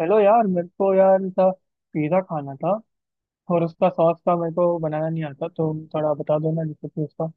Hello यार। मेरे को यार था, पिज़्ज़ा खाना था। और उसका सॉस का मेरे को बनाना नहीं आता, तो थोड़ा बता दो ना रेसिपी उसका।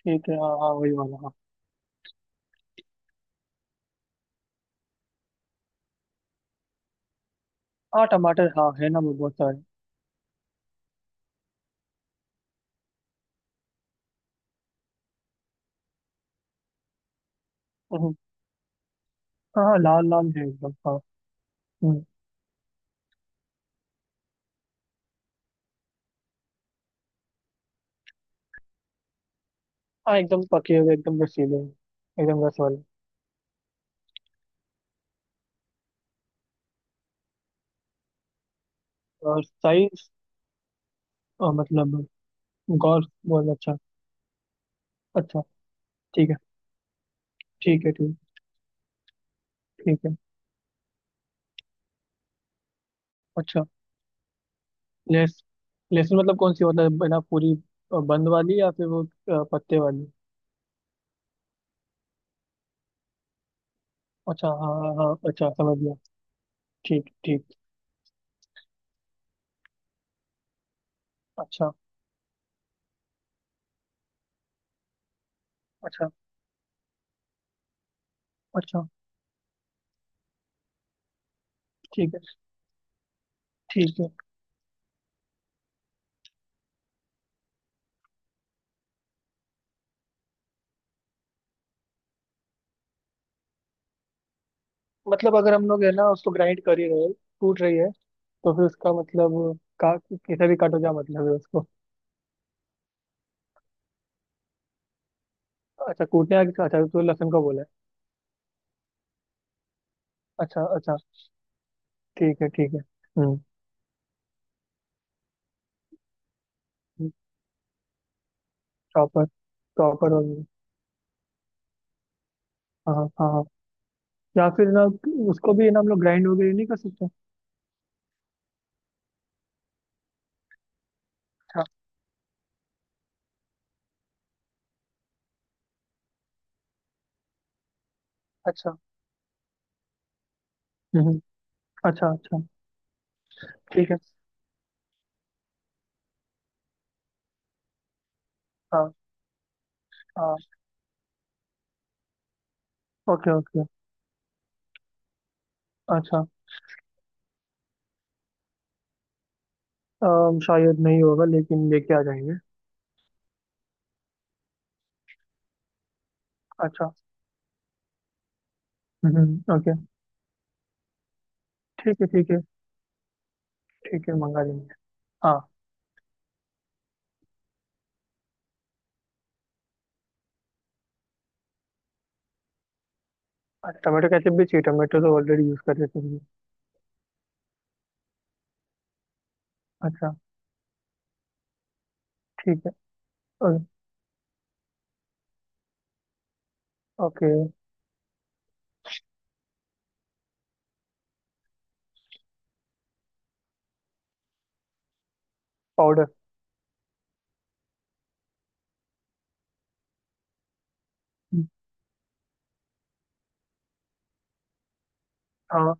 ठीक है, हाँ हाँ, वही वाला हाँ। हाँ टमाटर, हाँ है ना, वो बहुत सारे। हम्म। हाँ हाँ, लाल लाल है एकदम हाँ। हम्म। हाँ एकदम पके हुए, एकदम रसीले, एकदम रस वाले। और साइज? मतलब गौर बहुत अच्छा। अच्छा। ठीक है ठीक है ठीक। ठीक है। अच्छा। लेस लहसुन मतलब कौन सी होता है? बिना पूरी बंद वाली, या फिर वो पत्ते वाली? अच्छा हाँ हाँ हाँ, अच्छा समझ गया। ठीक ठीक। अच्छा अच्छा अच्छा। ठीक है ठीक है। मतलब अगर हम लोग है ना, उसको ग्राइंड कर ही रहे हैं, कूट रही है, तो फिर उसका मतलब का कैसे भी काटो, क्या मतलब है उसको? अच्छा, कूटने आगे, अच्छा तो लहसुन का बोला है। अच्छा अच्छा। ठीक है ठीक है। हम्म। प्रॉपर, प्रॉपर हो गई। हाँ हाँ हाँ हाँ। या फिर ना, उसको भी है ना हम लोग ग्राइंड वगैरह नहीं कर सकते? अच्छा। अच्छा। हम्म। अच्छा अच्छा। ठीक है। हाँ हाँ। Okay okay. अच्छा। शायद नहीं होगा, लेकिन लेके आ जाएंगे। अच्छा। ओके। ठीक है ठीक है। ठीक है, मंगा लेंगे। हाँ। अच्छा, टमाटो केचप भी चाहिए? टमाटो तो ऑलरेडी यूज़ कर रहे हैं सब्जी। अच्छा। ठीक है। ओ- ओके। पाउडर। हाँ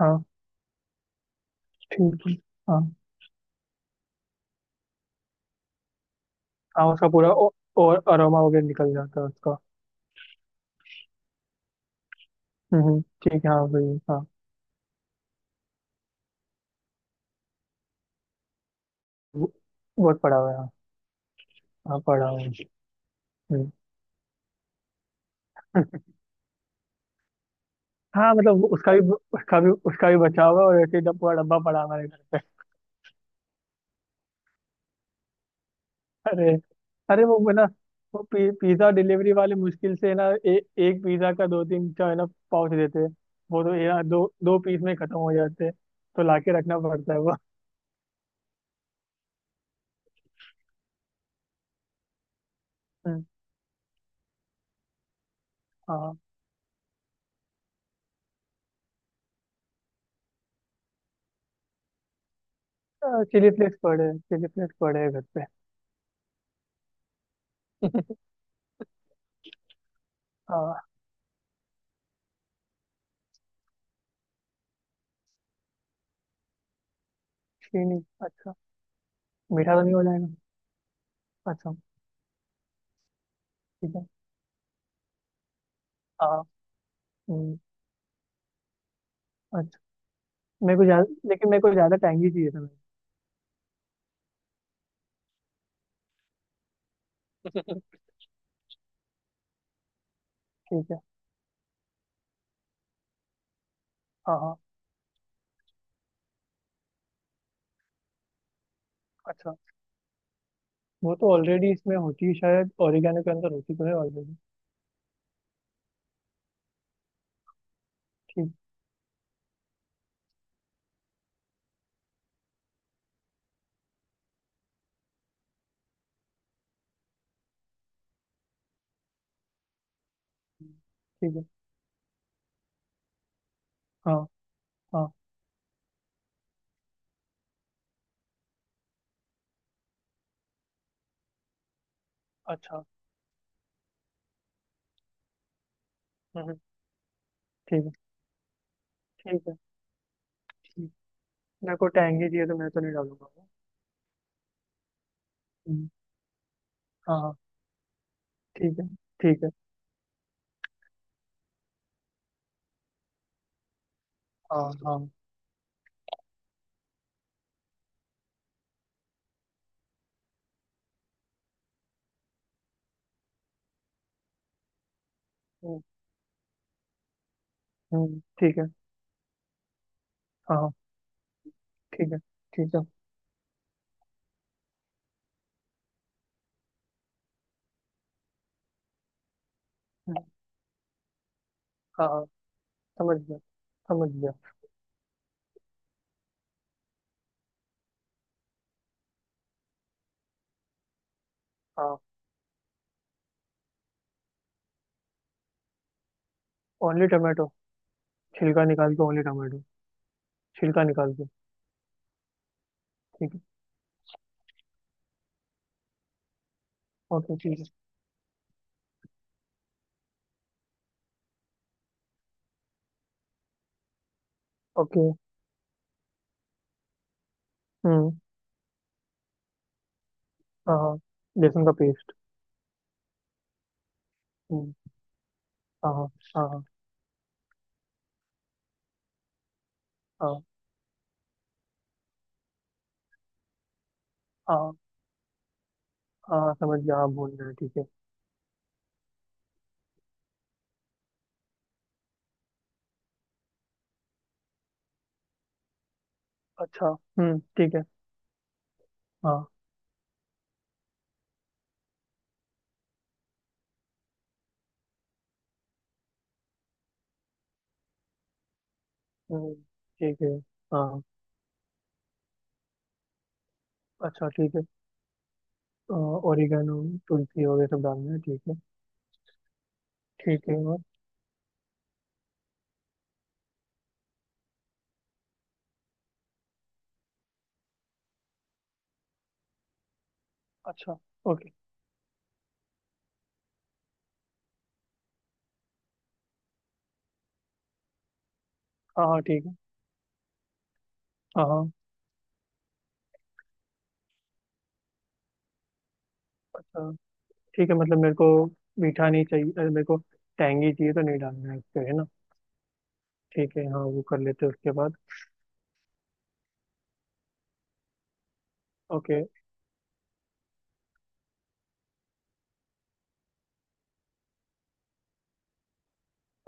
हाँ। ठीक है। हाँ हाँ उसका पूरा और अरोमा वगैरह निकल जाता है उसका। ठीक है, हाँ भाई हाँ। वो- बहुत पड़ा हुआ है। हाँ हाँ पड़ा हुआ है। हम्म। हाँ मतलब उसका भी, उसका भी बचा हुआ है, और ऐसे ही पूरा डब्बा पड़ा हुआ है घर। अरे, अरे वो है ना, वो पिज्जा डिलीवरी वाले मुश्किल से है ना एक पिज्जा का दो तीन का है ना पाउच देते हैं। वो तो यार दो दो पीस में खत्म हो जाते हैं। तो लाके रखना पड़ता है वो। हम्म। हाँ। चिली फ्लेक्स पड़े हैं घर पे। हाँ। चीनी? अच्छा। मीठा तो नहीं हो जाएगा? अच्छा ठीक है, हाँ। हम्म। अच्छा, मेरे को ज्यादा टैंगी चाहिए था मेरे को। ठीक है, हाँ हाँ। अच्छा, वो तो ऑलरेडी इसमें होती है शायद, ओरिगेनो के अंदर होती तो है ऑलरेडी। ठीक। ठीक है। हाँ हाँ। अच्छा। हम्म हम्म, ठीक है। ठीक है। ठीक। मेरे को टहंगी चाहिए, तो मैं तो नहीं डालूंगा। हम्म, हाँ हाँ, ठीक है। ठीक है। हाँ हाँ। हम्म हम्म। ठीक है। हाँ हाँ ठीक है ठीक है। हम्म। हाँ हाँ समझ गया समझ गया। हाँ ओनली टमाटो। छिलका निकाल के ओनली टमाटो। छिलका निकाल के। ठीक है। ओके ठीक है। ओके। हम्म। हाँ हाँ। लहसुन का पेस्ट। हम्म। हाँ हाँ। हाँ। हाँ हाँ हाँ हाँ समझ गया, हाँ बोल रहे हैं, ठीक है। अच्छा। ठीक है। हाँ। हम्म, ठीक है। हाँ। अच्छा ठीक है। ओरिगेनो, तुलसी वगैरह सब डालना है, ठीक है। ठीक है और? अच्छा। ओके। हाँ हाँ ठीक है। हाँ हाँ। अच्छा ठीक है, मतलब मेरे को मीठा नहीं चाहिए, अरे मेरे को टैंगी चाहिए, तो नहीं डालना है उसको, है ना? ठीक है हाँ, वो कर लेते हैं उसके बाद। ओके।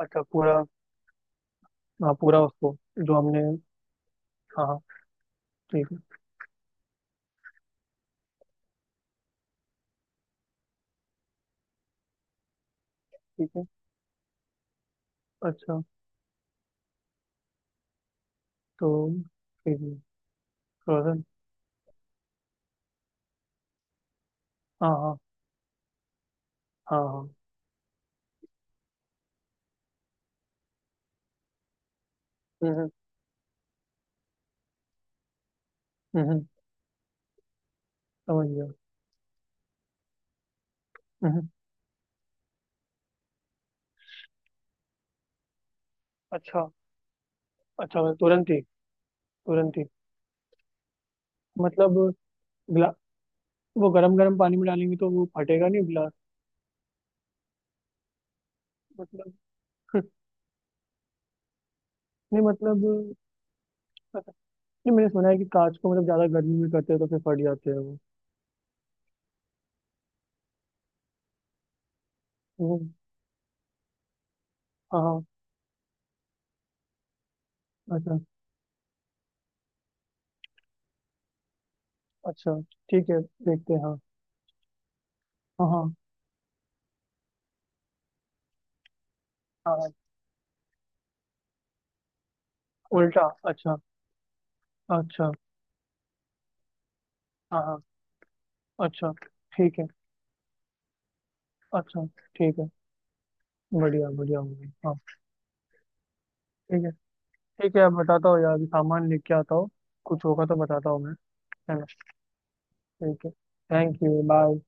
अच्छा पूरा? हाँ पूरा उसको, जो हमने। हाँ हाँ। ठीक है ठीक है। अच्छा, तो ठीक है, फ्रोजन। हाँ हाँ। हाँ हाँ। हम्म हम्म। समझ गया। हम्म। अच्छा। अच्छा तुरंत ही। तुरंत ही। मतलब, ग्ला वो गरम गरम पानी में डालेंगे तो वो फटेगा नहीं गिलास? मतलब। नहीं मतलब, नहीं मैंने सुना है कि कांच को मतलब ज्यादा गर्मी में करते हैं तो फिर फट जाते हैं वो। वो- हाँ हाँ। अच्छा। अच्छा ठीक है, देखते हैं हाँ। हाँ हाँ। हाँ हाँ, उल्टा, अच्छा। अच्छा। हाँ हाँ। अच्छा ठीक है। अच्छा ठीक है। बढ़िया बढ़िया, हो गया हाँ। ठीक है। ठीक है, आप बताता हो यार, अभी सामान लेके आता हूँ। कुछ होगा तो बताता हूँ मैं। है ना? ठीक है। Thank you bye.